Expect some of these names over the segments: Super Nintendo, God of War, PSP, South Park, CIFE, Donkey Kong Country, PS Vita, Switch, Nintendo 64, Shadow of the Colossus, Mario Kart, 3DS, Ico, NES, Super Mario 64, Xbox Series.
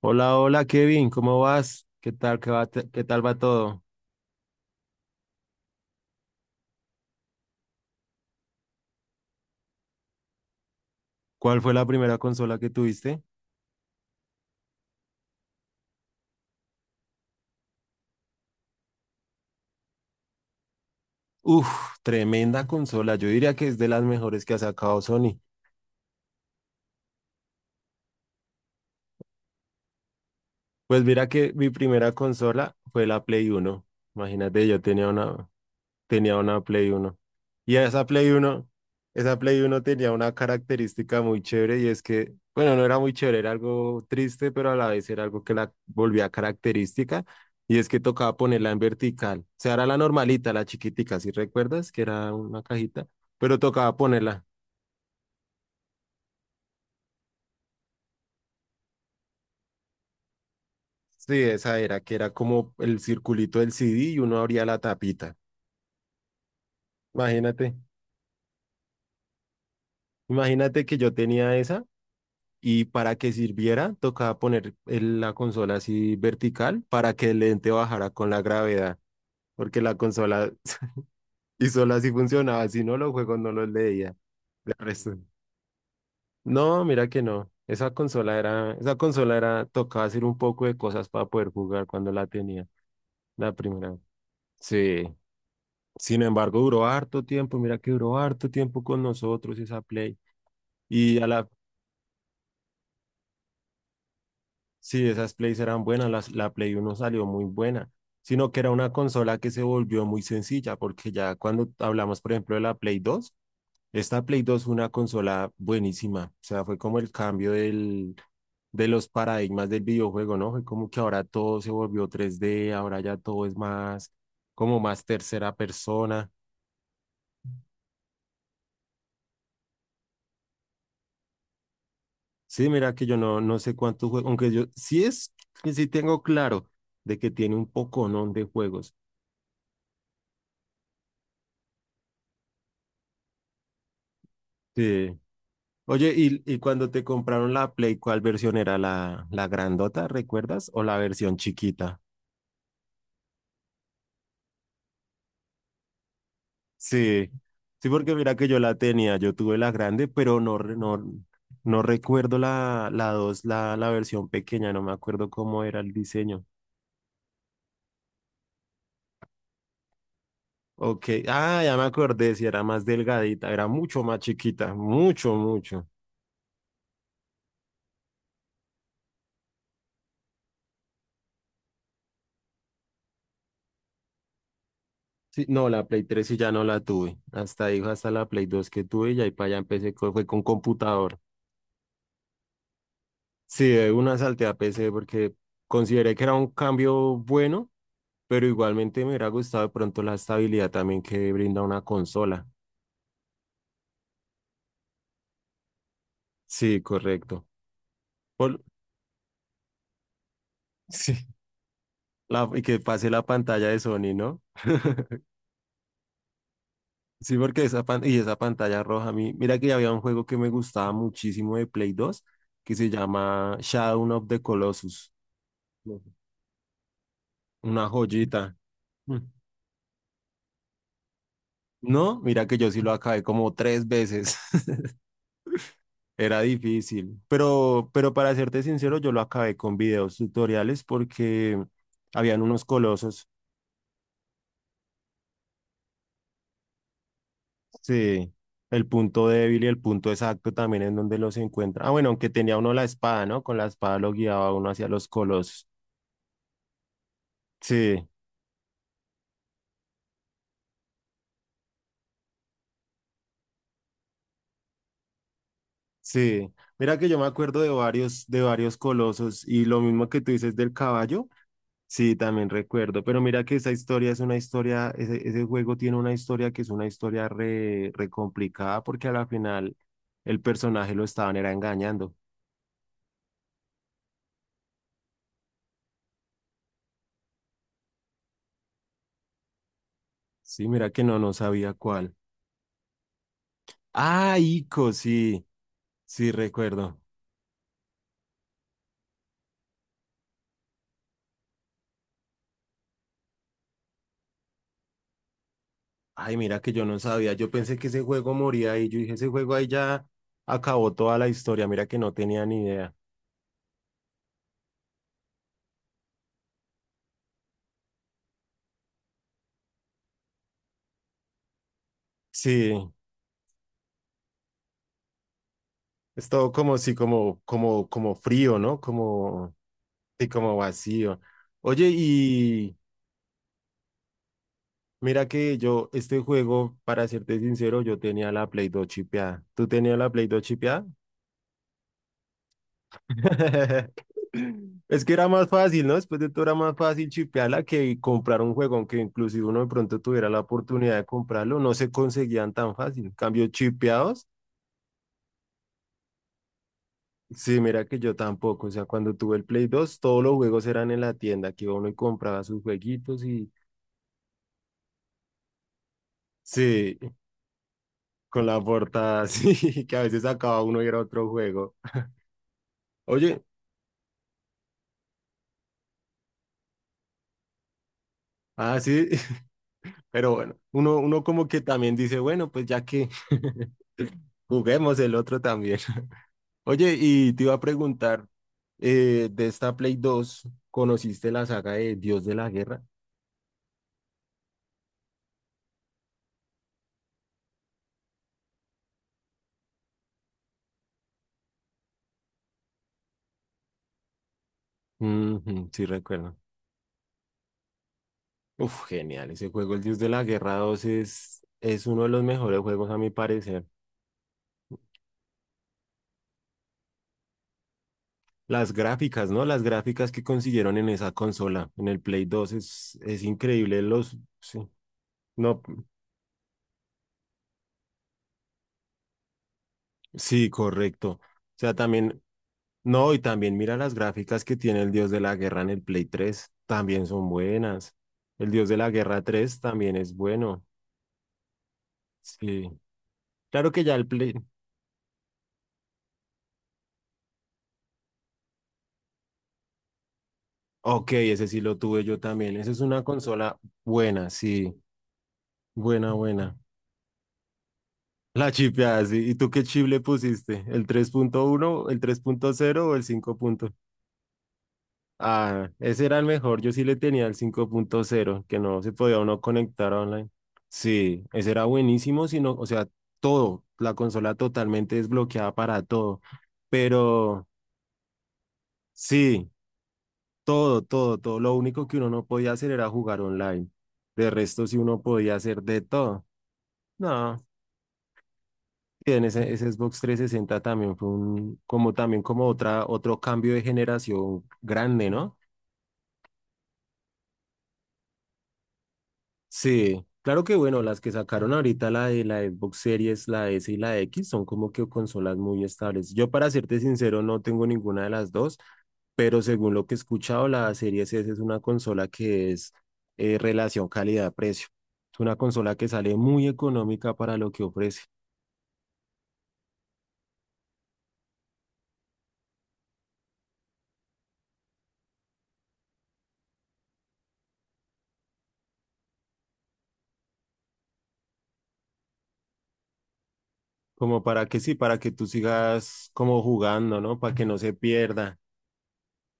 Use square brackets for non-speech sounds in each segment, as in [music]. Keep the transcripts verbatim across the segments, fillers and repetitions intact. Hola, hola Kevin, ¿cómo vas? ¿Qué tal, qué va te- qué tal va todo? ¿Cuál fue la primera consola que tuviste? Uf, tremenda consola, yo diría que es de las mejores que ha sacado Sony. Pues mira que mi primera consola fue la Play Uno. Imagínate, yo tenía una, tenía una Play Uno. Y esa Play uno esa Play uno tenía una característica muy chévere y es que, bueno, no era muy chévere, era algo triste, pero a la vez era algo que la volvía característica y es que tocaba ponerla en vertical. O sea, era la normalita, la chiquitica, si recuerdas, que era una cajita, pero tocaba ponerla. Sí, esa era, que era como el circulito del C D y uno abría la tapita. Imagínate, imagínate que yo tenía esa. Y para que sirviera, tocaba poner el- la consola así vertical para que el lente bajara con la gravedad, porque la consola [laughs] y solo así funcionaba, si no los juegos no los leía. De resto, no, mira que no. Esa consola era, esa consola era, tocaba hacer un poco de cosas para poder jugar cuando la tenía, la primera vez. Sí. Sin embargo, duró harto tiempo, mira que duró harto tiempo con nosotros esa Play. Y a la, sí, esas plays eran buenas, las, la Play uno salió muy buena, sino que era una consola que se volvió muy sencilla, porque ya cuando hablamos, por ejemplo, de la Play dos. Esta Play dos fue una consola buenísima, o sea, fue como el cambio del, de los paradigmas del videojuego, ¿no? Fue como que ahora todo se volvió tres d, ahora ya todo es más, como más tercera persona. Sí, mira que yo no, no sé cuántos juegos, aunque yo sí es, sí tengo claro de que tiene un poco, ¿no?, de juegos. Sí, oye, y, y cuando te compraron la Play, ¿cuál versión era la, la grandota, recuerdas? ¿O la versión chiquita? Sí, sí, porque mira que yo la tenía, yo tuve la grande, pero no, re- no, no recuerdo la, la dos, la, la versión pequeña, no me acuerdo cómo era el diseño. Ok, ah, ya me acordé, si era más delgadita, era mucho más chiquita, mucho, mucho. Sí, no, la Play tres sí ya no la tuve, hasta ahí, hasta la Play dos que tuve y ahí para allá empecé, co- fue con computador. Sí, de una salté a P C porque consideré que era un cambio bueno, pero igualmente me hubiera gustado de pronto la estabilidad también que brinda una consola. Sí, correcto. Por [laughs] sí, la, y que pase la pantalla de Sony, ¿no? [laughs] Sí, porque esa, pan- y esa pantalla roja, a mí, mira que había un juego que me gustaba muchísimo de Play dos que se llama Shadow of the Colossus. Una joyita. Mm. No, mira que yo sí lo acabé como tres veces. [laughs] Era difícil, pero, pero para serte sincero, yo lo acabé con videos tutoriales porque habían unos colosos, sí, el punto débil y el punto exacto también en donde los encuentra. Ah, bueno, aunque tenía uno la espada, ¿no? Con la espada lo guiaba uno hacia los colosos. Sí, sí. Mira que yo me acuerdo de varios, de varios colosos y lo mismo que tú dices del caballo. Sí, también recuerdo, pero mira que esa historia es una historia, ese, ese juego tiene una historia que es una historia re, re complicada porque a la final el personaje lo estaban era engañando. Sí, mira que no, no sabía cuál. Ah, Ico, sí, sí recuerdo. Ay, mira que yo no sabía, yo pensé que ese juego moría y yo dije, ese juego ahí ya acabó toda la historia, mira que no tenía ni idea. Sí, es todo como, sí, como, como, como frío, ¿no? Como, sí, como vacío. Oye, y... Mira que yo, este juego, para serte sincero, yo tenía la Play dos chipeada. ¿Tú tenías la Play dos chipeada? [laughs] Es que era más fácil, ¿no? Después de todo era más fácil chipearla que comprar un juego, aunque inclusive uno de pronto tuviera la oportunidad de comprarlo, no se conseguían tan fácil. En cambio, chipeados, sí, mira que yo tampoco. O sea, cuando tuve el Play dos todos los juegos eran en la tienda, que iba uno y compraba sus jueguitos y sí, con la portada, [laughs] sí, que a veces acababa uno y era otro juego. Oye, ah, sí. [laughs] Pero bueno, uno, uno como que también dice, bueno, pues ya que [laughs] juguemos el otro también. [laughs] Oye, y te iba a preguntar, eh, de esta Play dos, ¿conociste la saga de Dios de la Guerra? Ujú, sí, recuerdo. Uf, genial, ese juego, el Dios de la Guerra dos es, es uno de los mejores juegos a mi parecer. Las gráficas, ¿no? Las gráficas que consiguieron en esa consola, en el Play dos, es, es increíble. Los, sí, no. Sí, correcto. O sea, también, no, y también mira las gráficas que tiene el Dios de la Guerra en el Play tres, también son buenas. El Dios de la Guerra tres también es bueno. Sí. Claro que ya el Play. Ok, ese sí lo tuve yo también. Esa es una consola buena, sí. Buena, buena. La chipeada, sí. ¿Y tú qué chip le pusiste? ¿El tres punto uno, el tres punto cero o el cinco punto cero? Ah, ese era el mejor. Yo sí le tenía el cinco punto cero, que no se podía uno conectar online. Sí, ese era buenísimo, sino, o sea, todo, la consola totalmente desbloqueada para todo. Pero sí, todo, todo, todo. Lo único que uno no podía hacer era jugar online. De resto, sí uno podía hacer de todo. No, y en ese, ese Xbox tres sesenta también fue un, como también como otra, otro cambio de generación grande, ¿no? Sí, claro que bueno, las que sacaron ahorita la de la Xbox Series, la S y la X son como que consolas muy estables. Yo para serte sincero no tengo ninguna de las dos, pero según lo que he escuchado, la Series S es una consola que es eh, relación calidad-precio. Es una consola que sale muy económica para lo que ofrece, como para que sí, para que tú sigas como jugando, ¿no? Para que no se pierda.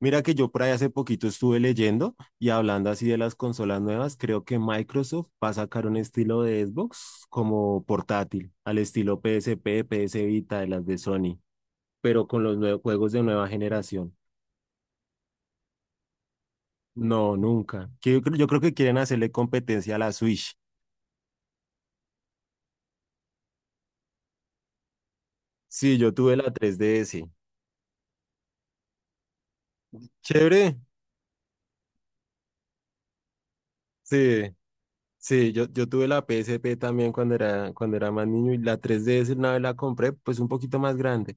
Mira que yo por ahí hace poquito estuve leyendo y hablando así de las consolas nuevas, creo que Microsoft va a sacar un estilo de Xbox como portátil, al estilo P S P, P S Vita, de las de Sony, pero con los nuevos juegos de nueva generación. No, nunca. Que Yo creo, yo creo que quieren hacerle competencia a la Switch. Sí, yo tuve la tres D S. Chévere. Sí. Sí, yo, yo tuve la P S P también cuando era, cuando era más niño y la tres D S una vez la compré, pues un poquito más grande.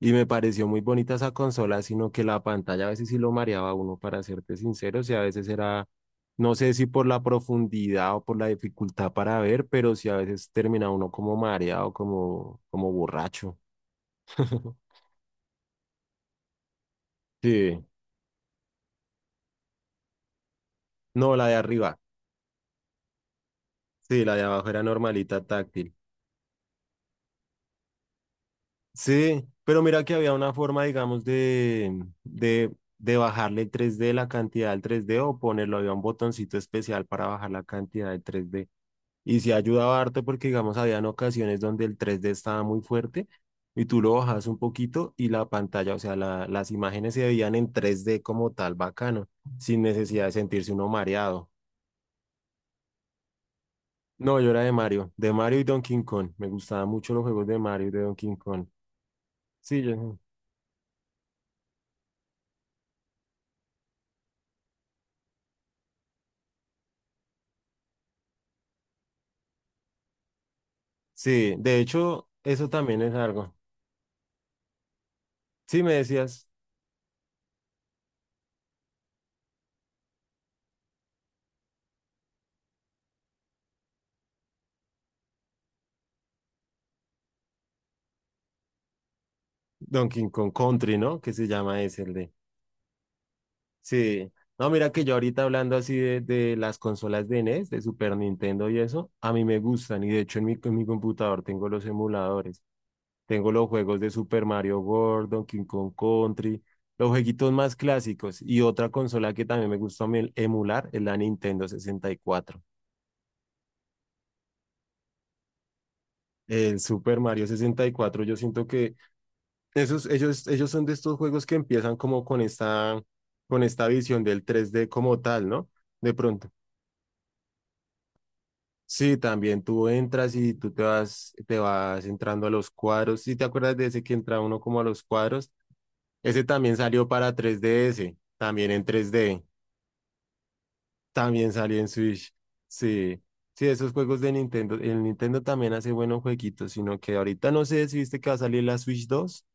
Y me pareció muy bonita esa consola, sino que la pantalla a veces sí lo mareaba a uno, para serte sincero, o sea, a veces era, no sé si por la profundidad o por la dificultad para ver, pero sí a veces termina uno como mareado, como, como borracho. [laughs] Sí, no, la de arriba, sí, la de abajo era normalita táctil. Sí, pero mira que había una forma, digamos, de, de, de bajarle el tres d, la cantidad del tres d o ponerlo, había un botoncito especial para bajar la cantidad del tres d. Y sí ayudaba harto porque, digamos, habían ocasiones donde el tres d estaba muy fuerte y tú lo bajas un poquito y la pantalla, o sea, la- las imágenes se veían en tres d como tal, bacano, sin necesidad de sentirse uno mareado. No, yo era de Mario, de Mario, y Donkey Kong. Me gustaban mucho los juegos de Mario y de Donkey Kong. Sí, yo. Sí, de hecho, eso también es algo. Sí, me decías Donkey Kong Country, ¿no? Que se llama ese, el de. Sí. No, mira que yo ahorita hablando así de, de las consolas de N E S, de Super Nintendo y eso, a mí me gustan. Y de hecho, en mi, en mi computador tengo los emuladores. Tengo los juegos de Super Mario World, Donkey Kong Country, los jueguitos más clásicos. Y otra consola que también me gusta a mí emular es la Nintendo sesenta y cuatro. El Super Mario sesenta y cuatro yo siento que. Esos, ellos, ellos son de estos juegos que empiezan como con esta, con esta, visión del tres d como tal, ¿no? De pronto. Sí, también tú entras y tú te vas, te vas entrando a los cuadros. ¿Sí te acuerdas de ese que entra uno como a los cuadros? Ese también salió para tres D S también en tres d, también salió en Switch. Sí, sí, esos juegos de Nintendo, el Nintendo también hace buenos jueguitos, sino que ahorita no sé si viste que va a salir la Switch dos.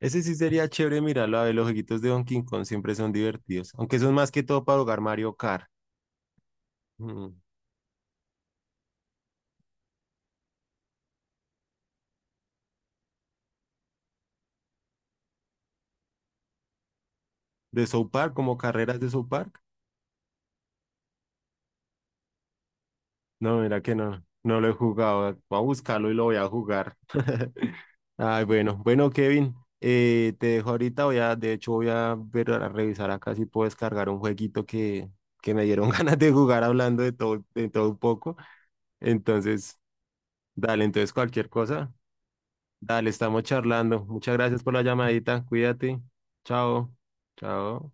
Ese sí sería chévere mirarlo. A ver, los jueguitos de Donkey Kong siempre son divertidos. Aunque son más que todo para jugar Mario Kart. Mm. De South Park, como carreras de South Park. No, mira que no, no lo he jugado. Voy a buscarlo y lo voy a jugar. [laughs] Ay, bueno, bueno, Kevin, eh, te dejo ahorita. Voy a, de hecho, voy a ver, a revisar acá si puedo descargar un jueguito que, que me dieron [laughs] ganas de jugar hablando de todo, de todo un poco. Entonces, dale, entonces cualquier cosa. Dale, estamos charlando. Muchas gracias por la llamadita. Cuídate. Chao. Chao.